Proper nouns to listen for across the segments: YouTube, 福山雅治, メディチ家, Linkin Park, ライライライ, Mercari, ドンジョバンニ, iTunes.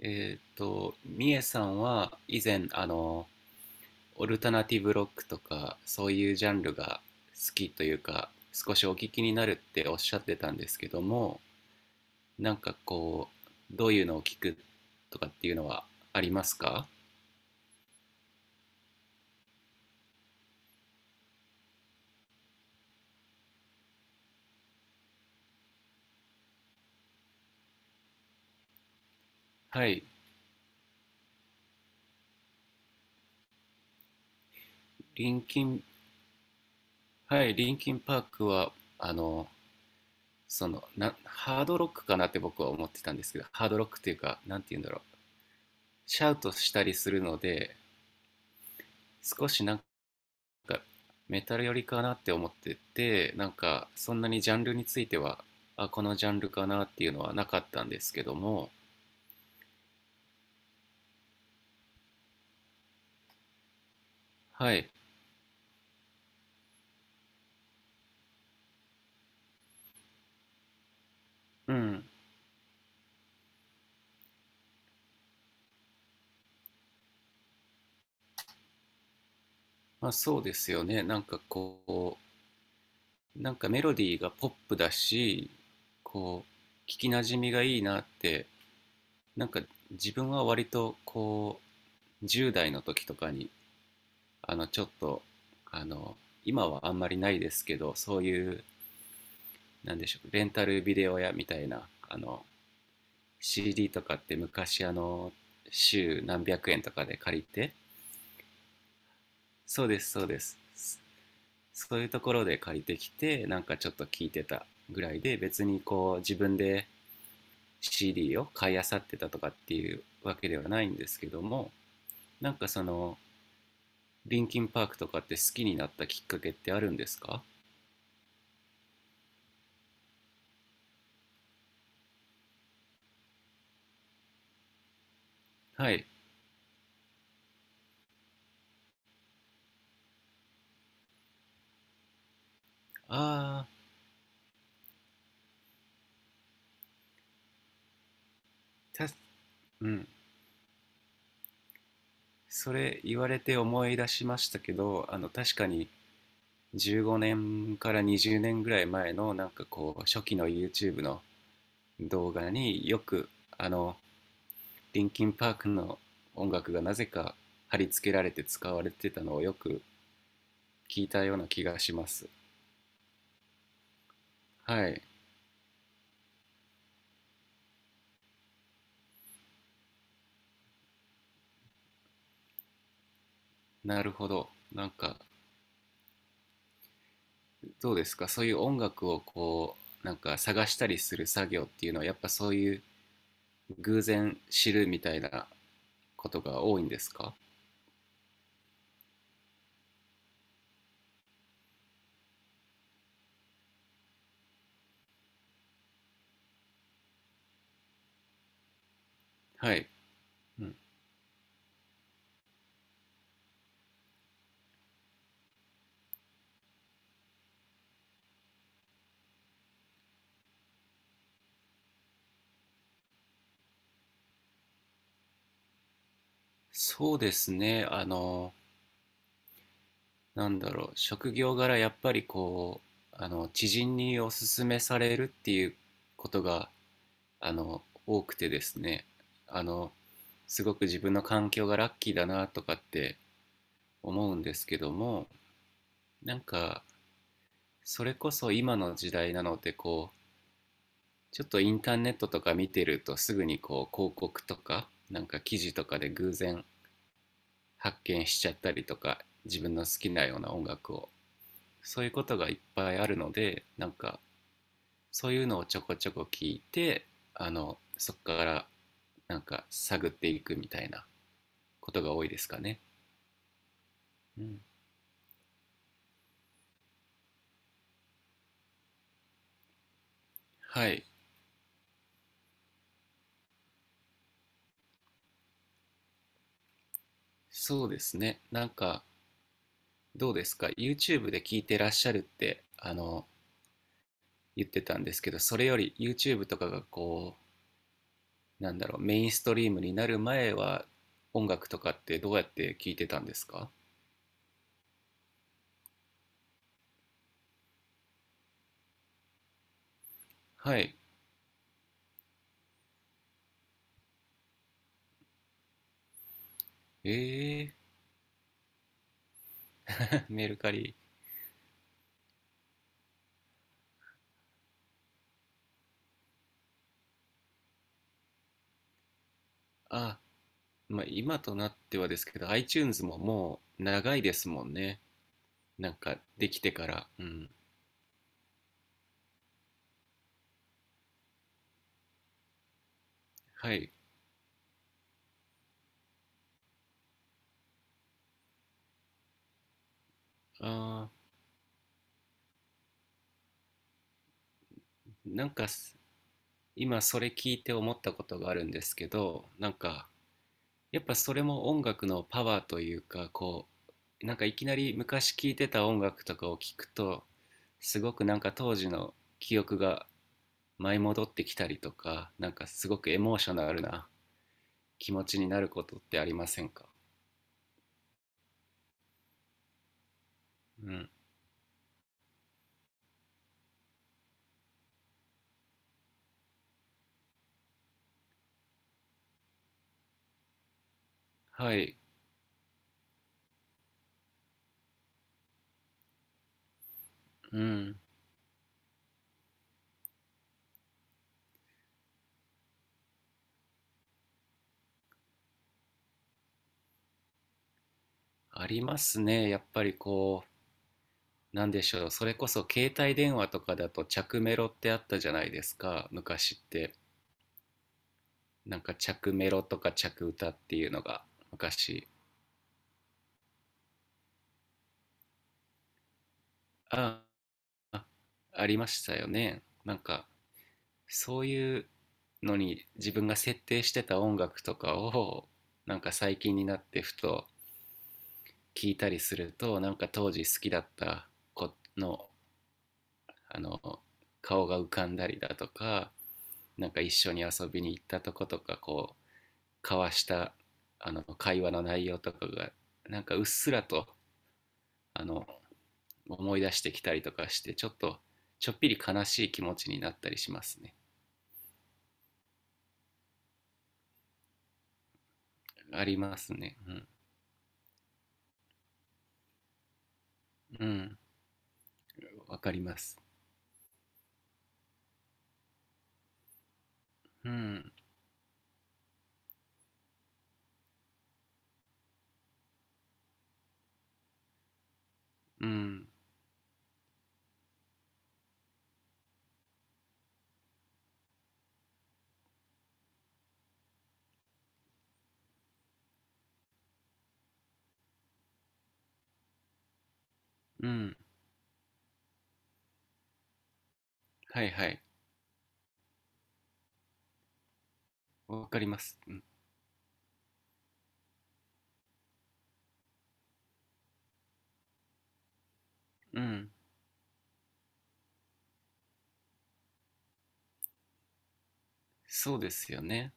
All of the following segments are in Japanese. みえさんは以前、オルタナティブロックとか、そういうジャンルが好きというか、少しお聞きになるっておっしゃってたんですけども、どういうのを聞くとかっていうのはありますか？はい、リンキン、はい、リンキンパークは、あの、ハードロックかなって僕は思ってたんですけど、ハードロックっていうか、なんて言うんだろう、シャウトしたりするので、少しなんかメタル寄りかなって思ってて、なんかそんなにジャンルについては、あ、このジャンルかなっていうのはなかったんですけども。はい。うん。まあそうですよね。なんかこう、なんかメロディーがポップだし、こう、聞きなじみがいいなって。なんか自分は割とこう10代の時とかに、あのちょっとあの今はあんまりないですけど、そういう、なんでしょう、レンタルビデオ屋みたいな、あの、 CD とかって昔、あの、週何百円とかで借りて、そうです、そうです、そういうところで借りてきてなんかちょっと聞いてたぐらいで、別にこう自分で CD を買い漁ってたとかっていうわけではないんですけども。なんかその、リンキンパークとかって好きになったきっかけってあるんですか？はい。ああ。たうん。それ言われて思い出しましたけど、あの、確かに15年から20年ぐらい前のなんかこう初期の YouTube の動画によく、あの、リンキンパークの音楽がなぜか貼り付けられて使われてたのをよく聞いたような気がします。はい。なるほど。なんかどうですか、そういう音楽をこう、なんか探したりする作業っていうのは、やっぱそういう偶然知るみたいなことが多いんですか？はい。うん。そうですね。職業柄やっぱりこう、あの、知人におすすめされるっていうことが、あの、多くてですね、あの、すごく自分の環境がラッキーだなとかって思うんですけども、なんか、それこそ今の時代なので、こう、ちょっとインターネットとか見てるとすぐにこう、広告とか、なんか記事とかで偶然発見しちゃったりとか、自分の好きなような音楽を、そういうことがいっぱいあるので、なんか、そういうのをちょこちょこ聞いて、あの、そこからなんか探っていくみたいなことが多いですかね。うん。はい。そうですね。なんかどうですか、 YouTube で聞いてらっしゃるってあの言ってたんですけど、それより YouTube とかがこう、なんだろう、メインストリームになる前は音楽とかってどうやって聞いてたんですか？はい。えー、メルカリ、あ、まあ今となってはですけど iTunes ももう長いですもんね、なんかできてから。うん。はい。あー、なんかす今それ聞いて思ったことがあるんですけど、なんかやっぱそれも音楽のパワーというか、こう、なんかいきなり昔聴いてた音楽とかを聞くと、すごくなんか当時の記憶が舞い戻ってきたりとか、なんかすごくエモーショナルな気持ちになることってありませんか？うん。はい。うん。ありますね。やっぱりこなんでしょう、それこそ携帯電話とかだと着メロってあったじゃないですか、昔って。なんか着メロとか着歌っていうのが昔、ああ、ありましたよね。なんかそういうのに自分が設定してた音楽とかを、なんか最近になってふと聞いたりすると、なんか当時好きだった子の、あの、顔が浮かんだりだとか、なんか一緒に遊びに行ったとことか、こう交わしたあの会話の内容とかがなんかうっすらと、あの、思い出してきたりとかしてちょっとちょっぴり悲しい気持ちになったりしますね。ありますね。うん。うん。わかります。うん。うん。うん。はいはい。わかります。うん。うん。そうですよね。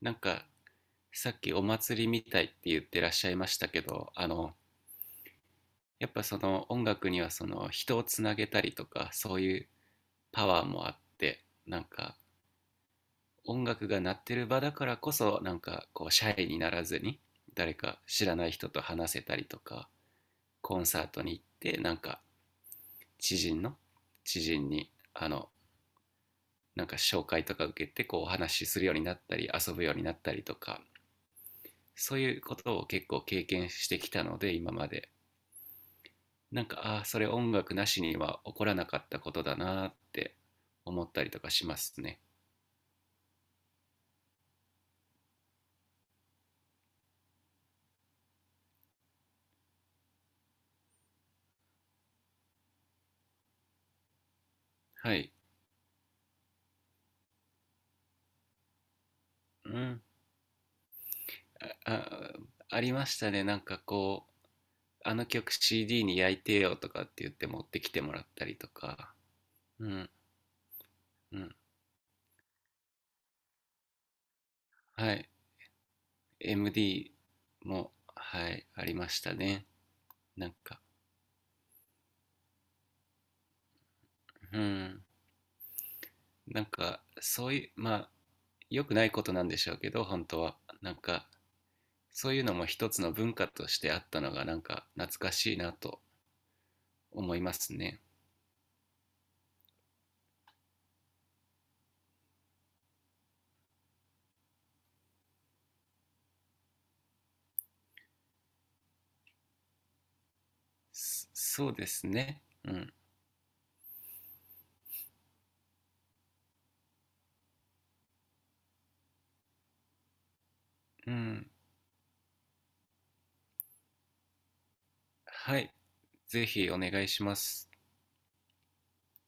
なんかさっきお祭りみたいって言ってらっしゃいましたけど、あの、やっぱその音楽にはその人をつなげたりとかそういうパワーもあって、なんか音楽が鳴ってる場だからこそなんかこうシャイにならずに誰か知らない人と話せたりとか、コンサートに行ってなんか知人の知人に、あの、なんか紹介とか受けてこうお話しするようになったり遊ぶようになったりとか、そういうことを結構経験してきたので今まで、なんか、ああ、それ音楽なしには起こらなかったことだなって思ったりとかしますね。はい。うん。ああ、ありましたね。なんかこう、あの曲 CD に焼いてよとかって言って持ってきてもらったりとか。うん。うん。はい。MD も、はい、ありましたね。なんか、うん、なんか、そういう、まあ、良くないことなんでしょうけど、本当は。なんか、そういうのも一つの文化としてあったのが、なんか、懐かしいなと思いますね。そ、そうですね。うん。うん。はい、ぜひお願いします。